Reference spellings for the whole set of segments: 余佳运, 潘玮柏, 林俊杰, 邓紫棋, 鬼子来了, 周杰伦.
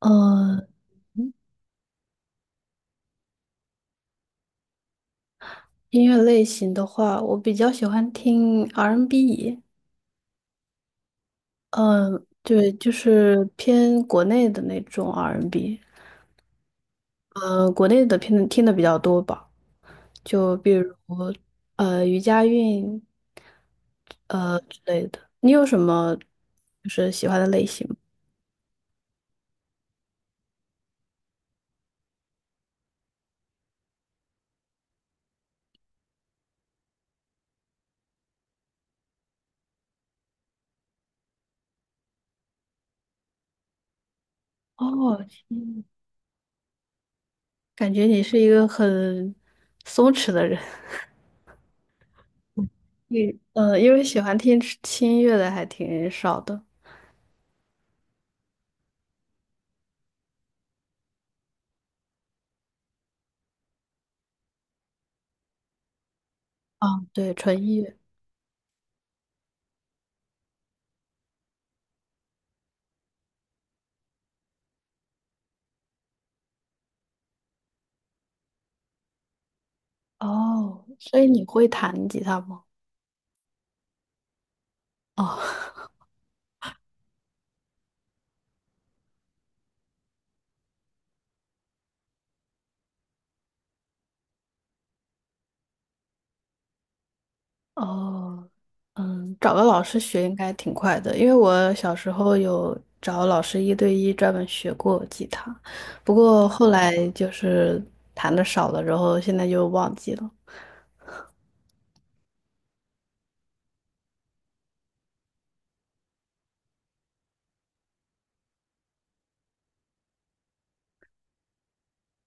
呃，音乐类型的话，我比较喜欢听 R&B，n 嗯、对，就是偏国内的那种 R&B，n 国内的偏听的比较多吧，就比如余佳运之类的。你有什么就是喜欢的类型吗？哦，嗯感觉你是一个很松弛的人。你因为喜欢听轻音乐的还挺少的。啊，对，纯音乐。哦，所以你会弹吉他吗？哦 哦，嗯，找个老师学应该挺快的，因为我小时候有找老师一对一专门学过吉他，不过后来就是弹的少了，然后现在就忘记了。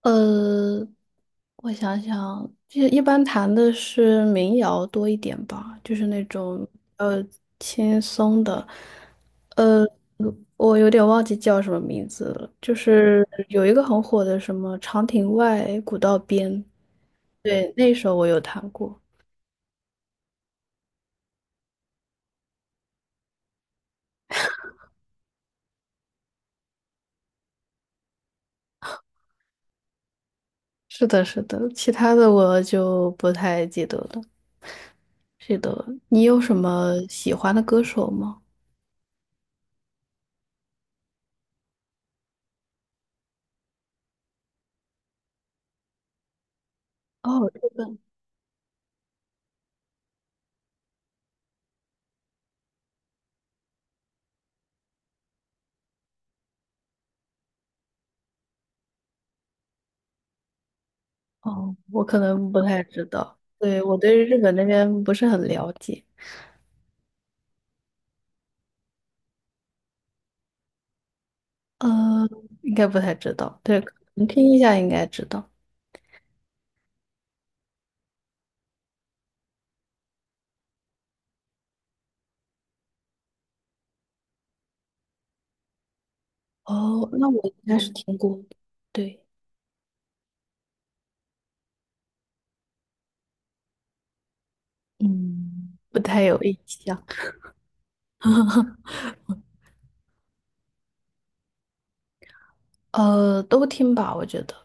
呃，我想想，就一般弹的是民谣多一点吧，就是那种呃轻松的。呃，我有点忘记叫什么名字了，就是有一个很火的什么《长亭外，古道边》，对，那首我有弹过。是的，是的，其他的我就不太记得了。记得，你有什么喜欢的歌手吗？哦，日本。哦，我可能不太知道，对，我对日本那边不是很了解。呃，应该不太知道，对，可能听一下应该知道。哦，那我应该是听过的。对，嗯，不太有印象。都听吧，我觉得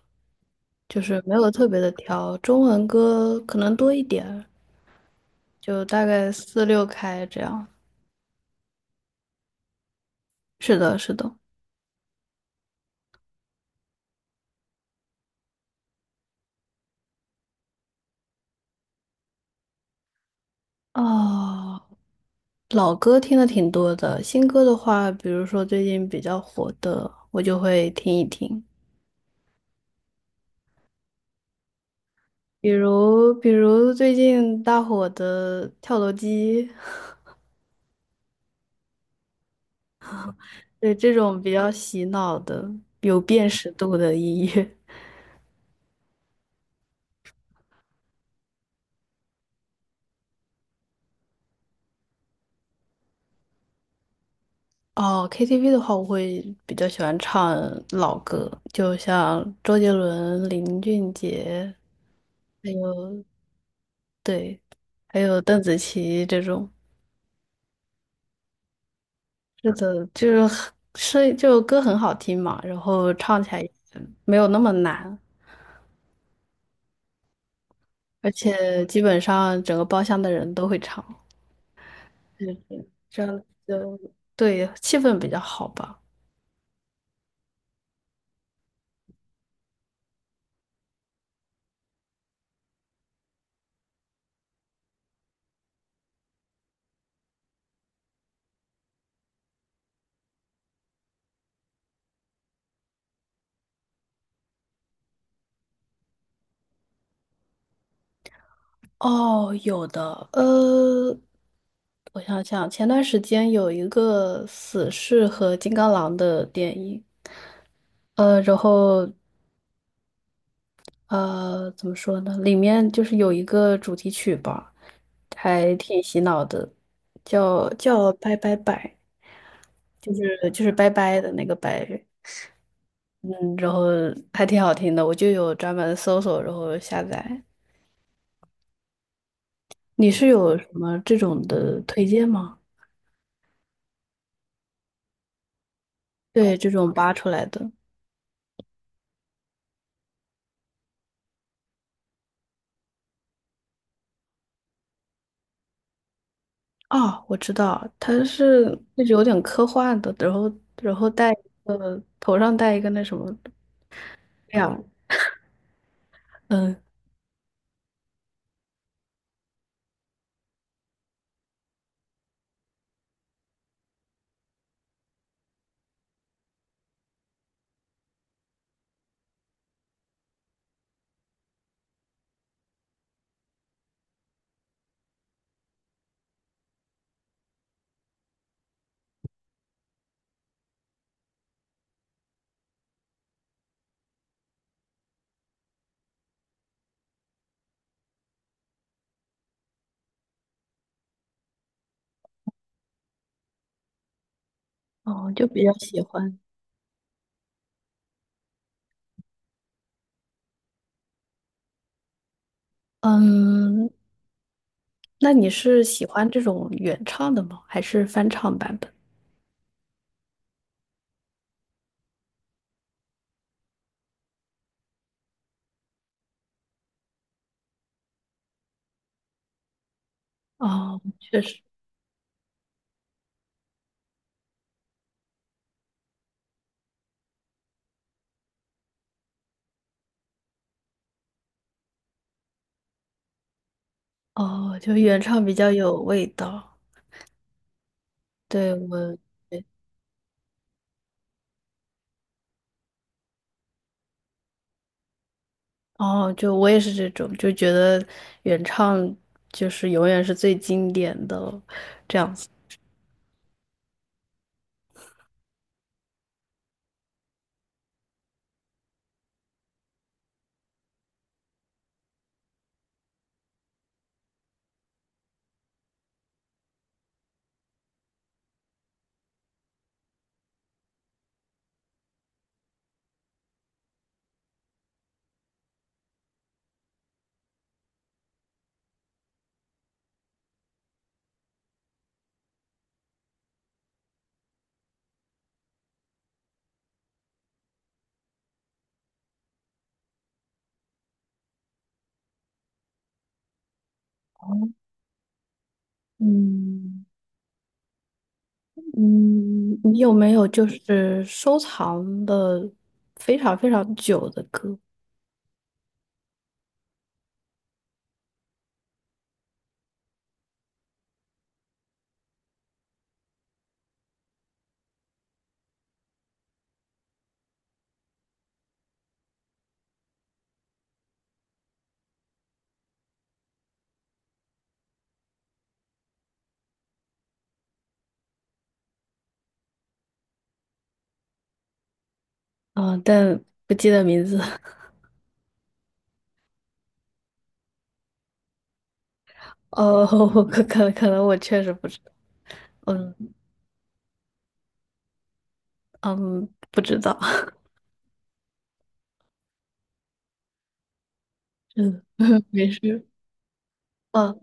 就是没有特别的挑，中文歌可能多一点儿，就大概四六开这样。是的，是的。哦，老歌听的挺多的，新歌的话，比如说最近比较火的，我就会听一听。比如最近大火的《跳楼机》。对这种比较洗脑的、有辨识度的音乐。哦，KTV 的话，我会比较喜欢唱老歌，就像周杰伦、林俊杰，还有对，还有邓紫棋这种。是的，就是声是就歌很好听嘛，然后唱起来也没有那么难，而且基本上整个包厢的人都会唱，嗯，这样就对气氛比较好吧。哦，有的。我想想，前段时间有一个死侍和金刚狼的电影，然后怎么说呢？里面就是有一个主题曲吧，还挺洗脑的，叫拜拜拜，就是拜拜的那个拜，嗯，然后还挺好听的，我就有专门搜索，然后下载。你是有什么这种的推荐吗？对，这种扒出来的。哦，我知道，它是那种有点科幻的，然后戴一个头上戴一个那什么亮。嗯。哦，就比较喜欢。嗯，那你是喜欢这种原唱的吗？还是翻唱版本？哦，确实。哦，就原唱比较有味道。对，我，对。哦，就我也是这种，就觉得原唱就是永远是最经典的。嗯嗯，你有没有就是收藏的非常非常久的歌？啊、但不记得名字。哦，可能我确实不知道。嗯。嗯，不知道。嗯。没事。啊，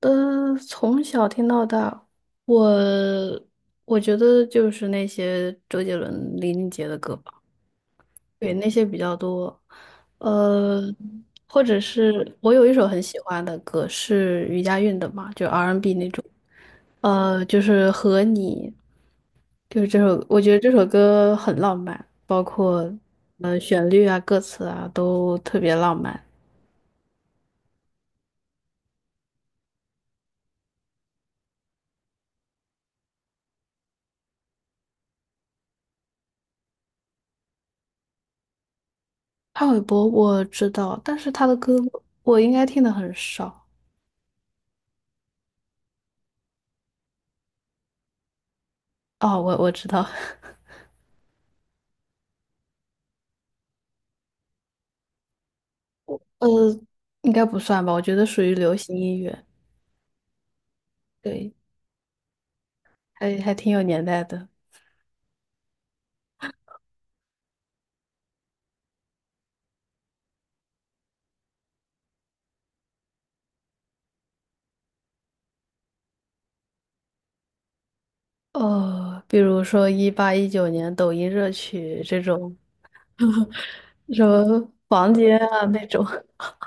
从小听到大，我我觉得就是那些周杰伦、林俊杰的歌吧，对，那些比较多。呃，或者是我有一首很喜欢的歌是余佳运的嘛，就 R&B n 那种。就是和你，就是这首，我觉得这首歌很浪漫，包括旋律啊、歌词啊都特别浪漫。潘玮柏我知道，但是他的歌我应该听的很少。哦，我知道。呃，应该不算吧，我觉得属于流行音乐，对，还挺有年代的。比如说一八一九年抖音热曲这种。什么房间啊那种。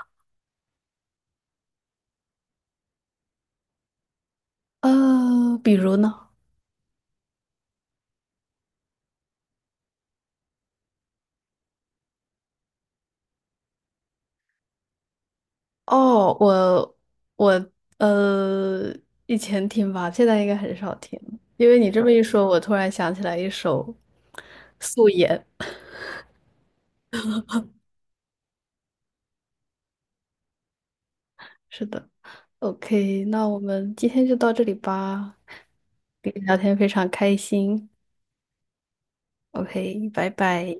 比如呢？哦，我呃，以前听吧，现在应该很少听了因为你这么一说，我突然想起来一首《素颜》是的，OK，那我们今天就到这里吧。跟你聊天非常开心，OK，拜拜。